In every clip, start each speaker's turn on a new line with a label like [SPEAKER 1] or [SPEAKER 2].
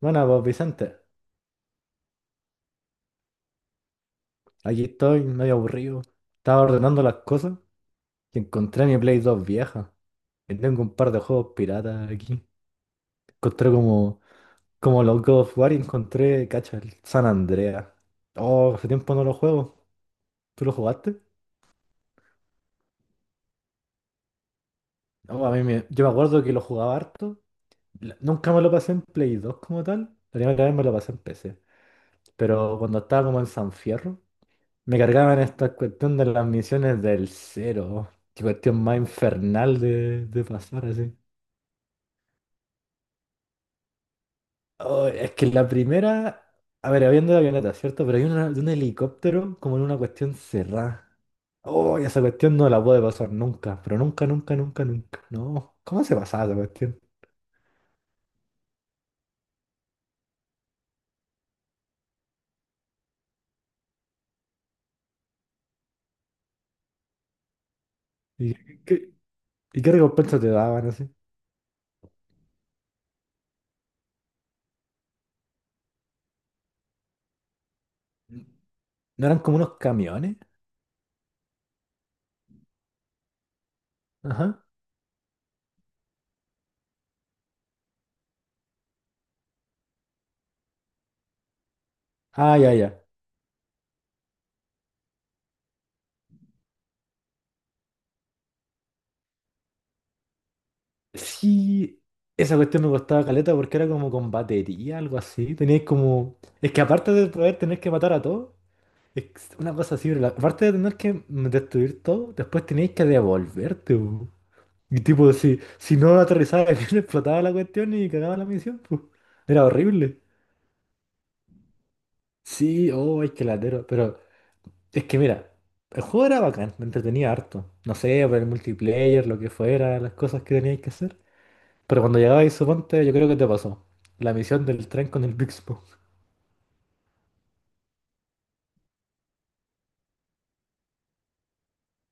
[SPEAKER 1] Bueno, pues Vicente, aquí estoy medio aburrido. Estaba ordenando las cosas y encontré mi Play 2 vieja. Y tengo un par de juegos piratas aquí. Encontré como los God of War y encontré, cacha, el San Andreas. Oh, hace tiempo no lo juego. ¿Tú lo jugaste? No, yo me acuerdo que lo jugaba harto. Nunca me lo pasé en Play 2 como tal. La primera vez me lo pasé en PC. Pero cuando estaba como en San Fierro, me cargaban esta cuestión de las misiones del cero. Qué cuestión más infernal de pasar así. Oh, es que la primera. A ver, habiendo de avioneta, ¿cierto? Pero hay una de un helicóptero como en una cuestión cerrada. Oh, y esa cuestión no la puede pasar nunca. Pero nunca, nunca, nunca, nunca. No. ¿Cómo se pasaba esa cuestión? ¿Y qué, y qué recompensa te daban así? ¿No eran como unos camiones? Ajá. Ah, ya, ya. Sí, esa cuestión me costaba caleta porque era como con batería, algo así. Tenías como. Es que aparte de poder tener que matar a todos, es una cosa así, pero aparte de tener que destruir todo, después tenías que devolverte, po. Y tipo, si no aterrizaba bien, explotaba la cuestión y cagaba la misión, po. Era horrible. Sí, oh, es que latero. Pero es que mira, el juego era bacán, me entretenía harto. No sé, por el multiplayer, lo que fuera, las cosas que teníais que hacer. Pero cuando llegabais, suponte, yo creo que te pasó. La misión del tren con el Big Smoke.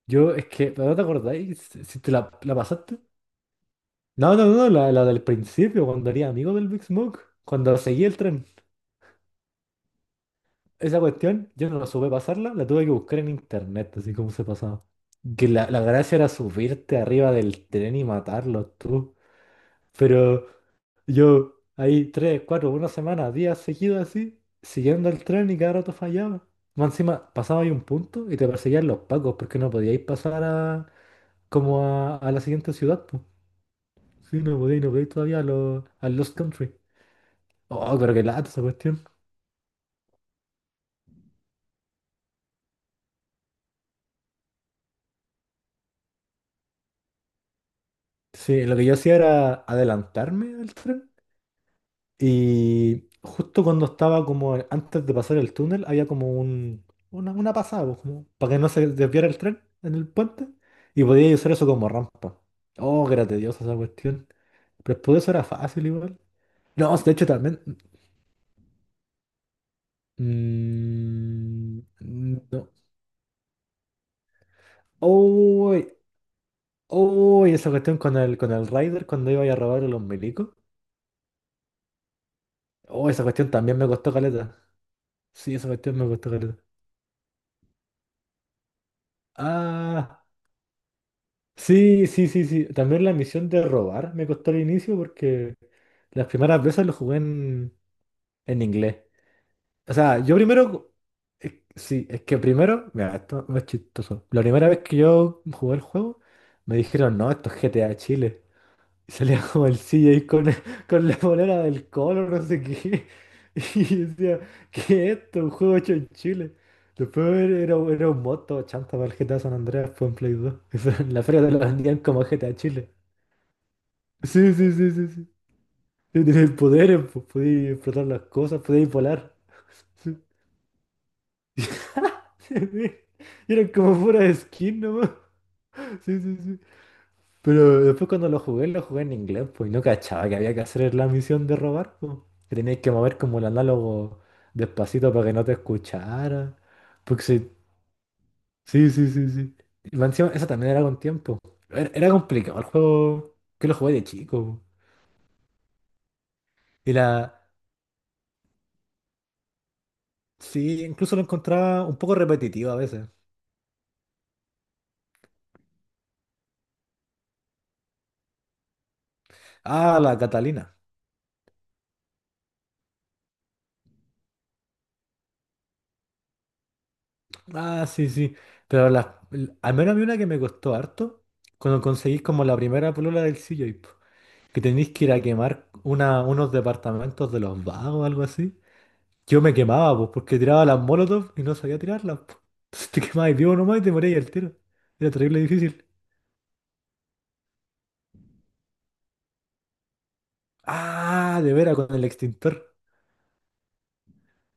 [SPEAKER 1] Yo, es que, ¿no te acordáis? Si te la pasaste. No, no, no, la del principio, cuando era amigo del Big Smoke. Cuando seguí el tren. Esa cuestión, yo no la supe pasarla, la tuve que buscar en internet, así como se pasaba. Que la gracia era subirte arriba del tren y matarlos tú. Pero yo ahí tres, cuatro, una semana, días seguidos así, siguiendo el tren y cada rato fallaba. Más encima pasaba ahí un punto y te perseguían los pacos porque no podíais pasar como a la siguiente ciudad, pues. Sí, no podíais, no podíais todavía a Lost Country. Oh, pero qué lata esa cuestión. Sí, lo que yo hacía era adelantarme al tren y justo cuando estaba como antes de pasar el túnel, había una pasada, pues, como para que no se desviara el tren en el puente. Y podía usar eso como rampa. Oh, que era tediosa esa cuestión. Pero después de eso era fácil igual. No, de hecho también. mm, no. Uy, uy, esa cuestión con el Rider cuando iba a robar a los milicos. Oh, esa cuestión también me costó caleta. Sí, esa cuestión me costó caleta. Ah, sí, sí, sí, sí. También la misión de robar me costó al inicio porque las primeras veces lo jugué en inglés. O sea, yo primero... sí, es que primero... Mira, esto es chistoso. La primera vez que yo jugué el juego, me dijeron, no, esto es GTA Chile. Y salía como el CJ con, con la polera del Colo, no sé qué. Y yo decía, ¿qué es esto? Un juego hecho en Chile. Después era un moto chanta para el GTA San Andreas, fue en Play 2. Eso, en la feria te lo vendían como GTA Chile. Sí, sí, sí, sí, sí. Y tenías poderes, pues podías explotar las cosas, podías volar. Sí. Y eran como pura skin nomás. Sí, sí, sí. Pero después cuando lo jugué en inglés, pues, y no cachaba que había que hacer la misión de robar, pues. Que tenías que mover como el análogo despacito para que no te escuchara. Porque sí, sí, sí, sí, sí. Y más encima, eso también era con tiempo. Era complicado el juego, que lo jugué de chico. Po. Y la... Sí, incluso lo encontraba un poco repetitivo a veces. Ah, la Catalina. Ah, sí, sí. Pero al menos a mí una que me costó harto, cuando conseguís como la primera polola del CJ, po, que tenéis que ir a quemar unos departamentos de los vagos o algo así. Yo me quemaba, pues, porque tiraba las molotov y no sabía tirarlas, po. Entonces te quemabas vivo nomás y te morías al tiro. Era terrible difícil. Ah, de veras, con el extintor.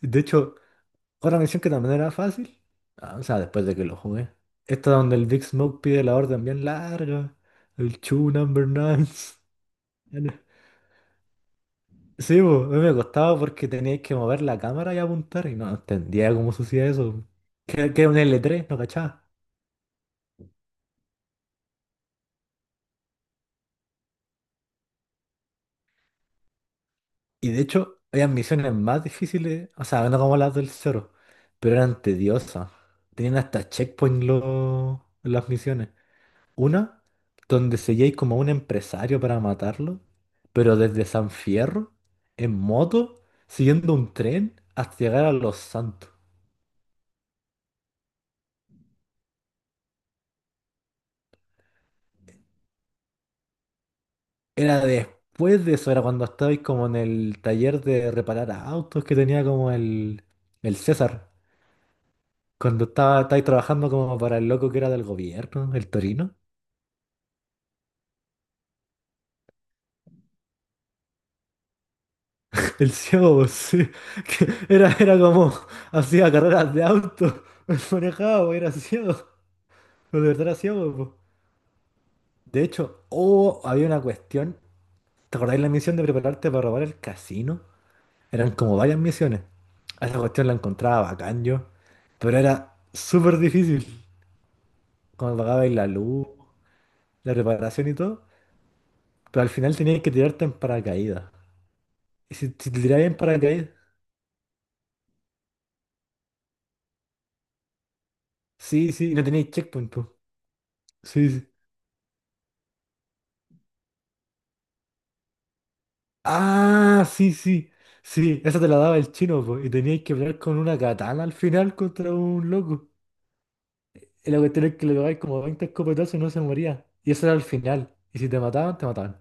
[SPEAKER 1] De hecho, otra misión que también era fácil. Ah, o sea, después de que lo jugué. Esta donde el Big Smoke pide la orden bien larga. El Chu Number Nine. Sí, po, a mí me costaba porque teníais que mover la cámara y apuntar y no entendía cómo se hacía eso. Que era un L3 no cachaba. Y de hecho, había misiones más difíciles, o sea, no como las del Zoro, pero eran tediosas. Tenían hasta checkpoint las misiones. Una donde seguíais como a un empresario para matarlo, pero desde San Fierro, en moto, siguiendo un tren hasta llegar a Los Santos. Era después de eso, era cuando estabais como en el taller de reparar autos que tenía como el César. Cuando estaba, estáis trabajando como para el loco que era del gobierno, el Torino. El ciego, sí. Era como hacía carreras de auto, manejaba, era ciego. De verdad era ciego. De hecho, oh, había una cuestión. ¿Te acordáis la misión de prepararte para robar el casino? Eran como varias misiones. A esa cuestión la encontraba bacán yo, pero era súper difícil. Cuando pagabais la luz, la reparación y todo, pero al final teníais que tirarte en paracaídas. Y si te tirabais en paracaídas, sí, sí, y no teníais checkpoint, pues. Sí, sí. Ah, sí, sí. Sí, esa te la daba el chino, pues. Y teníais que pelear con una katana al final contra un loco. Y la cuestión es que le pegáis como 20 escopetazos y no se moría. Y eso era el final. Y si te mataban, te mataban.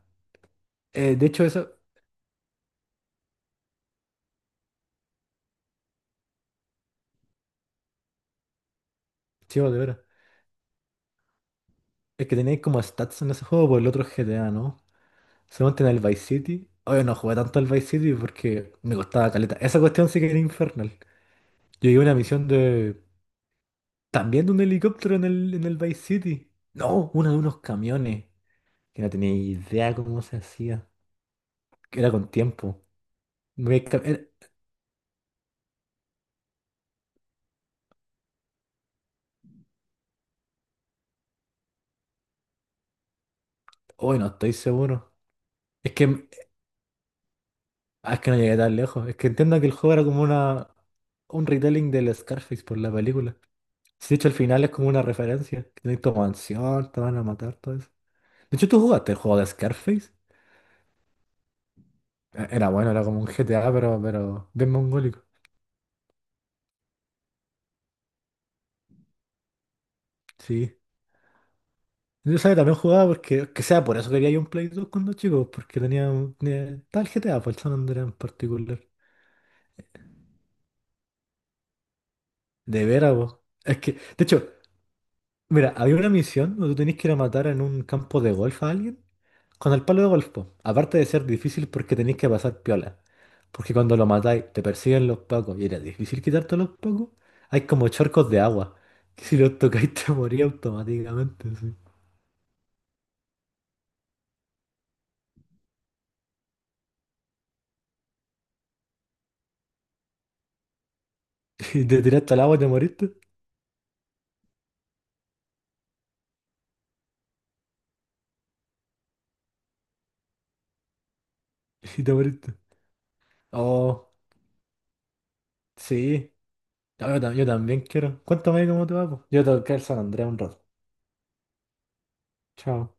[SPEAKER 1] De hecho, eso, chivo, de veras. Es que tenéis como stats en ese juego por el otro GTA, ¿no? Solamente en el Vice City. Oye, no jugué tanto al Vice City porque me costaba caleta. Esa cuestión sí que era infernal. Yo llegué a una misión de. También de un helicóptero en el Vice City. No, una de unos camiones. Que no tenía idea cómo se hacía. Que era con tiempo. Era- Oye, no estoy seguro. Es que ah, es que no llegué tan lejos. Es que entiendo que el juego era como una un retelling del Scarface por la película. Si de hecho al final es como una referencia. Que tenés tu mansión, te van a matar, todo eso. De hecho, ¿tú jugaste el juego de Scarface? Era bueno, era como un GTA, pero bien mongólico. Sí. Yo sabía, también jugaba porque, que sea, por eso quería yo un Play 2 cuando chico, porque tenía, tenía tal GTA, por el San Andreas en particular. De veras, vos. Es que, de hecho, mira, había una misión donde tú tenías que ir a matar en un campo de golf a alguien. Con el palo de golf, po. Aparte de ser difícil porque tenéis que pasar piola, porque cuando lo matáis te persiguen los pacos y era difícil quitarte los pacos, hay como charcos de agua, que si los tocáis te morís automáticamente, sí. Y te tiraste al agua y te moriste, y te moriste. Oh, sí, no, yo, yo también quiero. Cuéntame cómo te va, po. Yo tengo que ir a San Andrés un rato. Chao.